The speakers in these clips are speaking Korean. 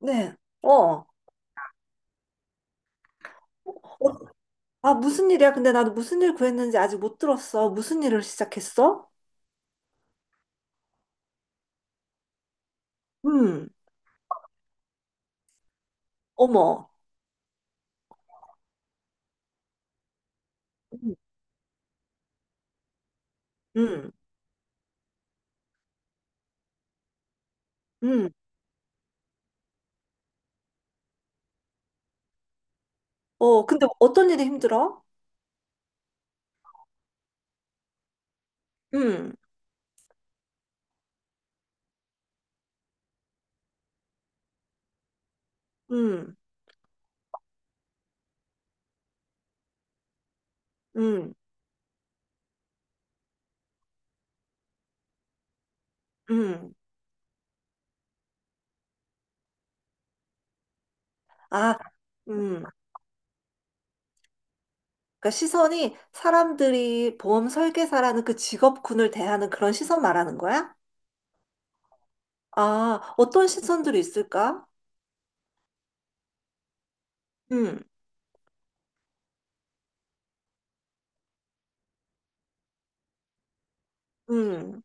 네. 어. 어. 아, 무슨 일이야? 근데 나도 무슨 일 구했는지 아직 못 들었어. 무슨 일을 시작했어? 음. 어머. 음. 음. 음. 어, 근데 어떤 일이 힘들어? 음. 음. 음. 음. 아, 음. 그러니까 시선이 사람들이 보험 설계사라는 그 직업군을 대하는 그런 시선 말하는 거야? 아, 어떤 시선들이 있을까? 음. 음.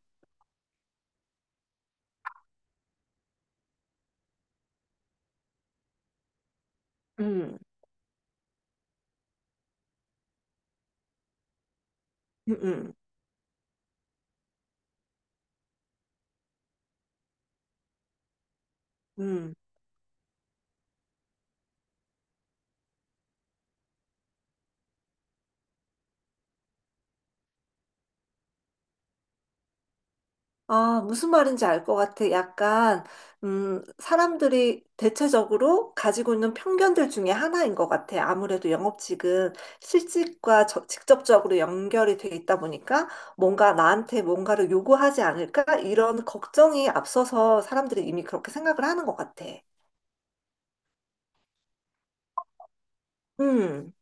음. 음. 음. 음. 아, 무슨 말인지 알 것 같아. 약간, 사람들이 대체적으로 가지고 있는 편견들 중에 하나인 것 같아. 아무래도 영업직은 실직과 직접적으로 연결이 돼 있다 보니까 뭔가 나한테 뭔가를 요구하지 않을까? 이런 걱정이 앞서서 사람들이 이미 그렇게 생각을 하는 것 같아. 음,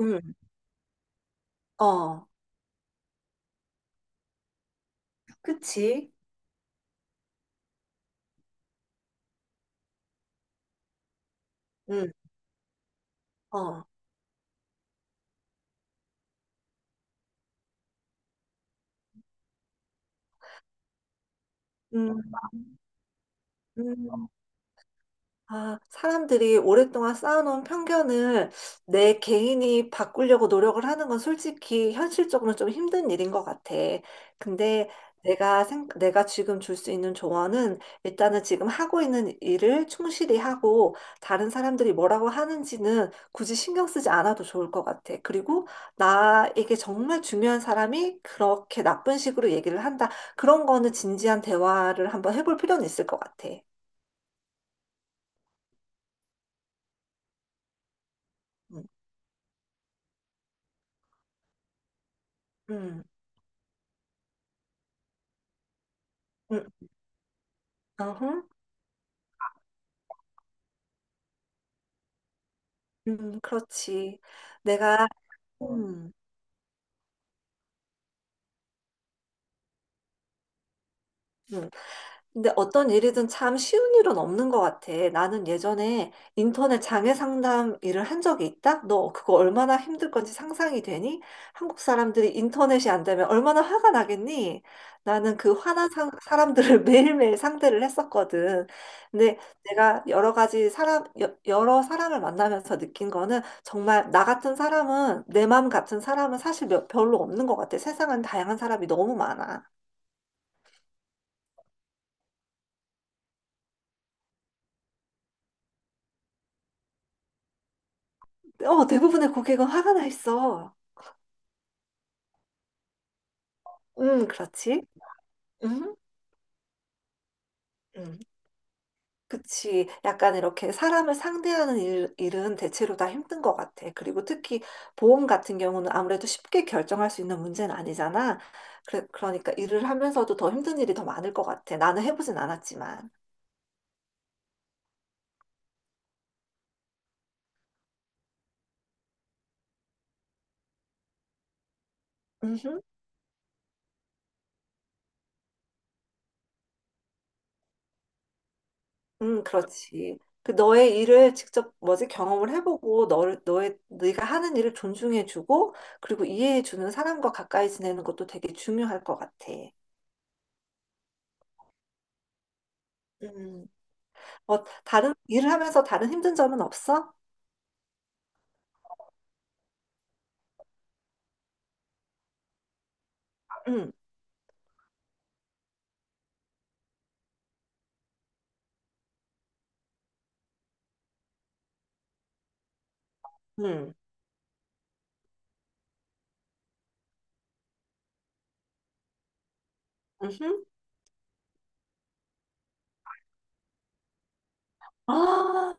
음, 어, 그치? 음, 어, 음, 음. 아, 사람들이 오랫동안 쌓아놓은 편견을 내 개인이 바꾸려고 노력을 하는 건 솔직히 현실적으로 좀 힘든 일인 것 같아. 근데 내가 지금 줄 수 있는 조언은 일단은 지금 하고 있는 일을 충실히 하고 다른 사람들이 뭐라고 하는지는 굳이 신경 쓰지 않아도 좋을 것 같아. 그리고 나에게 정말 중요한 사람이 그렇게 나쁜 식으로 얘기를 한다. 그런 거는 진지한 대화를 한번 해볼 필요는 있을 것 같아. 음. 음. 음. 어허. 그렇지. 내가, 어, 음. 근데 어떤 일이든 참 쉬운 일은 없는 것 같아. 나는 예전에 인터넷 장애 상담 일을 한 적이 있다? 너 그거 얼마나 힘들 건지 상상이 되니? 한국 사람들이 인터넷이 안 되면 얼마나 화가 나겠니? 나는 그 화난 사람들을 매일매일 상대를 했었거든. 근데 내가 여러 가지 사람, 여러 사람을 만나면서 느낀 거는 정말 나 같은 사람은, 내 마음 같은 사람은 사실 별로 없는 것 같아. 세상은 다양한 사람이 너무 많아. 어, 대부분의 고객은 화가 나 있어. 그렇지. 음, 음, 그치. 약간 이렇게 사람을 상대하는 일은 대체로 다 힘든 것 같아. 그리고 특히 보험 같은 경우는 아무래도 쉽게 결정할 수 있는 문제는 아니잖아. 그래, 그러니까 일을 하면서도 더 힘든 일이 더 많을 것 같아. 나는 해보진 않았지만. 음흠. 그렇지. 그 너의 일을 직접 뭐지 경험을 해보고 너를 너의 네가 하는 일을 존중해주고 그리고 이해해주는 사람과 가까이 지내는 것도 되게 중요할 것 같아. 음. 어, 다- 른 일을 하면서 다른 힘든 점은 없어? 응, 응, 응. 아,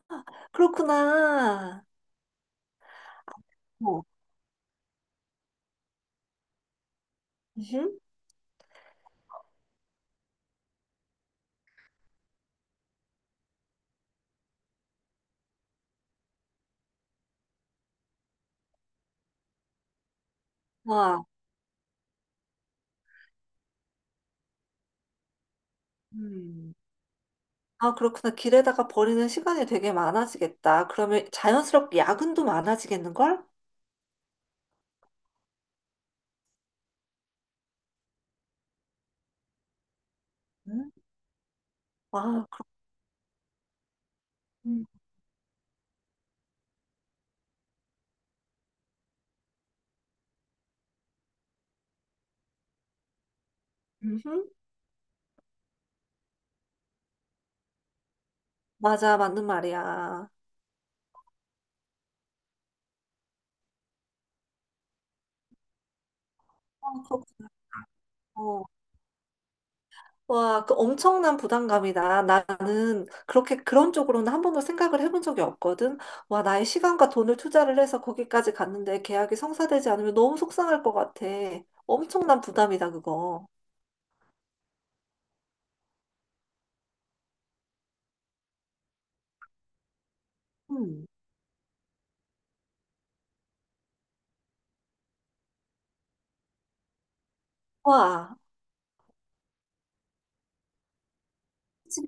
그렇구나. 어, 응. 와. 음. 아, 그렇구나. 길에다가 버리는 시간이 되게 많아지겠다. 그러면 자연스럽게 야근도 많아지겠는걸? 응. 와, 그렇 음. 음. 응. 맞아, 맞는 말이야. 아, 그렇구나. 어. 와, 그 엄청난 부담감이다. 나는 그렇게 그런 쪽으로는 한 번도 생각을 해본 적이 없거든. 와, 나의 시간과 돈을 투자를 해서 거기까지 갔는데 계약이 성사되지 않으면 너무 속상할 것 같아. 엄청난 부담이다, 그거. 음. 와, 그치.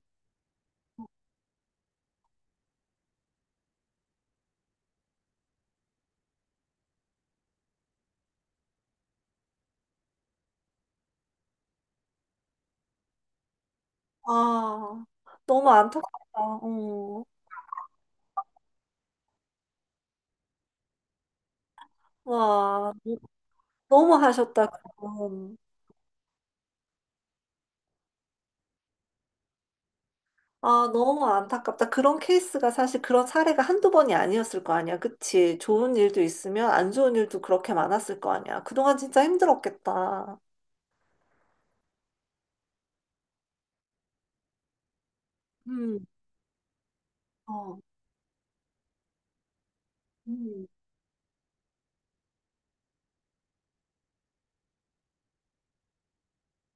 아, 너무 안타깝다. 어, 와, 너무 하셨다, 그럼. 아, 너무 안타깝다. 그런 케이스가 사실 그런 사례가 한두 번이 아니었을 거 아니야. 그치? 좋은 일도 있으면 안 좋은 일도 그렇게 많았을 거 아니야. 그동안 진짜 힘들었겠다. 음, 어. 음.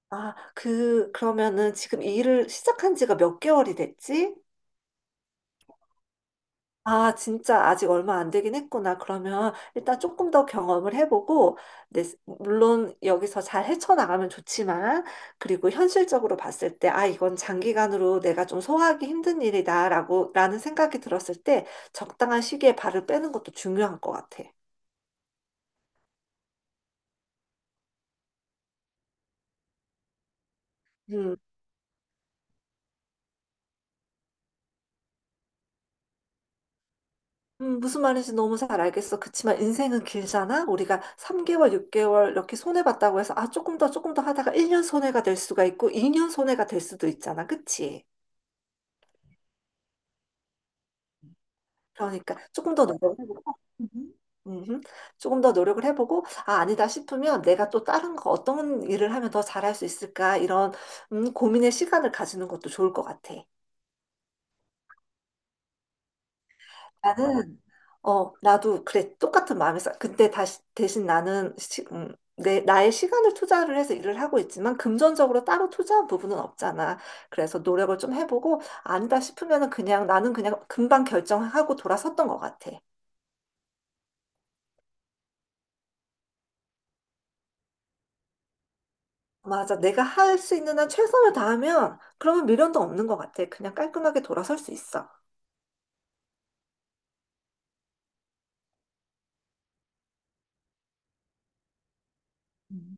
아, 그러면은 지금 일을 시작한 지가 몇 개월이 됐지? 아, 진짜 아직 얼마 안 되긴 했구나. 그러면 일단 조금 더 경험을 해보고, 내, 물론 여기서 잘 헤쳐나가면 좋지만, 그리고 현실적으로 봤을 때, 아, 이건 장기간으로 내가 좀 소화하기 힘든 라는 생각이 들었을 때, 적당한 시기에 발을 빼는 것도 중요한 것 같아. 음, 무슨 말인지 너무 잘 알겠어. 그치만 인생은 길잖아? 우리가 3개월, 6개월 이렇게 손해봤다고 해서, 아, 조금 더 하다가 1년 손해가 될 수가 있고, 2년 손해가 될 수도 있잖아. 그치? 그러니까 조금 더 노력을 해보고, 음, 음, 조금 더 노력을 해보고, 아, 아니다 싶으면 내가 또 다른 거 어떤 일을 하면 더 잘할 수 있을까, 이런 고민의 시간을 가지는 것도 좋을 것 같아. 나는, 어, 나도 그래, 똑같은 마음에서, 근데 대신 나의 시간을 투자를 해서 일을 하고 있지만, 금전적으로 따로 투자한 부분은 없잖아. 그래서 노력을 좀 해보고, 아니다 싶으면은 그냥, 나는 그냥 금방 결정하고 돌아섰던 것 같아. 맞아. 내가 할 수 있는 한 최선을 다하면 그러면 미련도 없는 것 같아. 그냥 깔끔하게 돌아서수 있어. 음.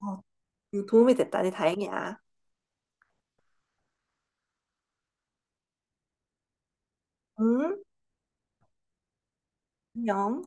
어, 도움이 됐다니 다행이야. 응? 안녕.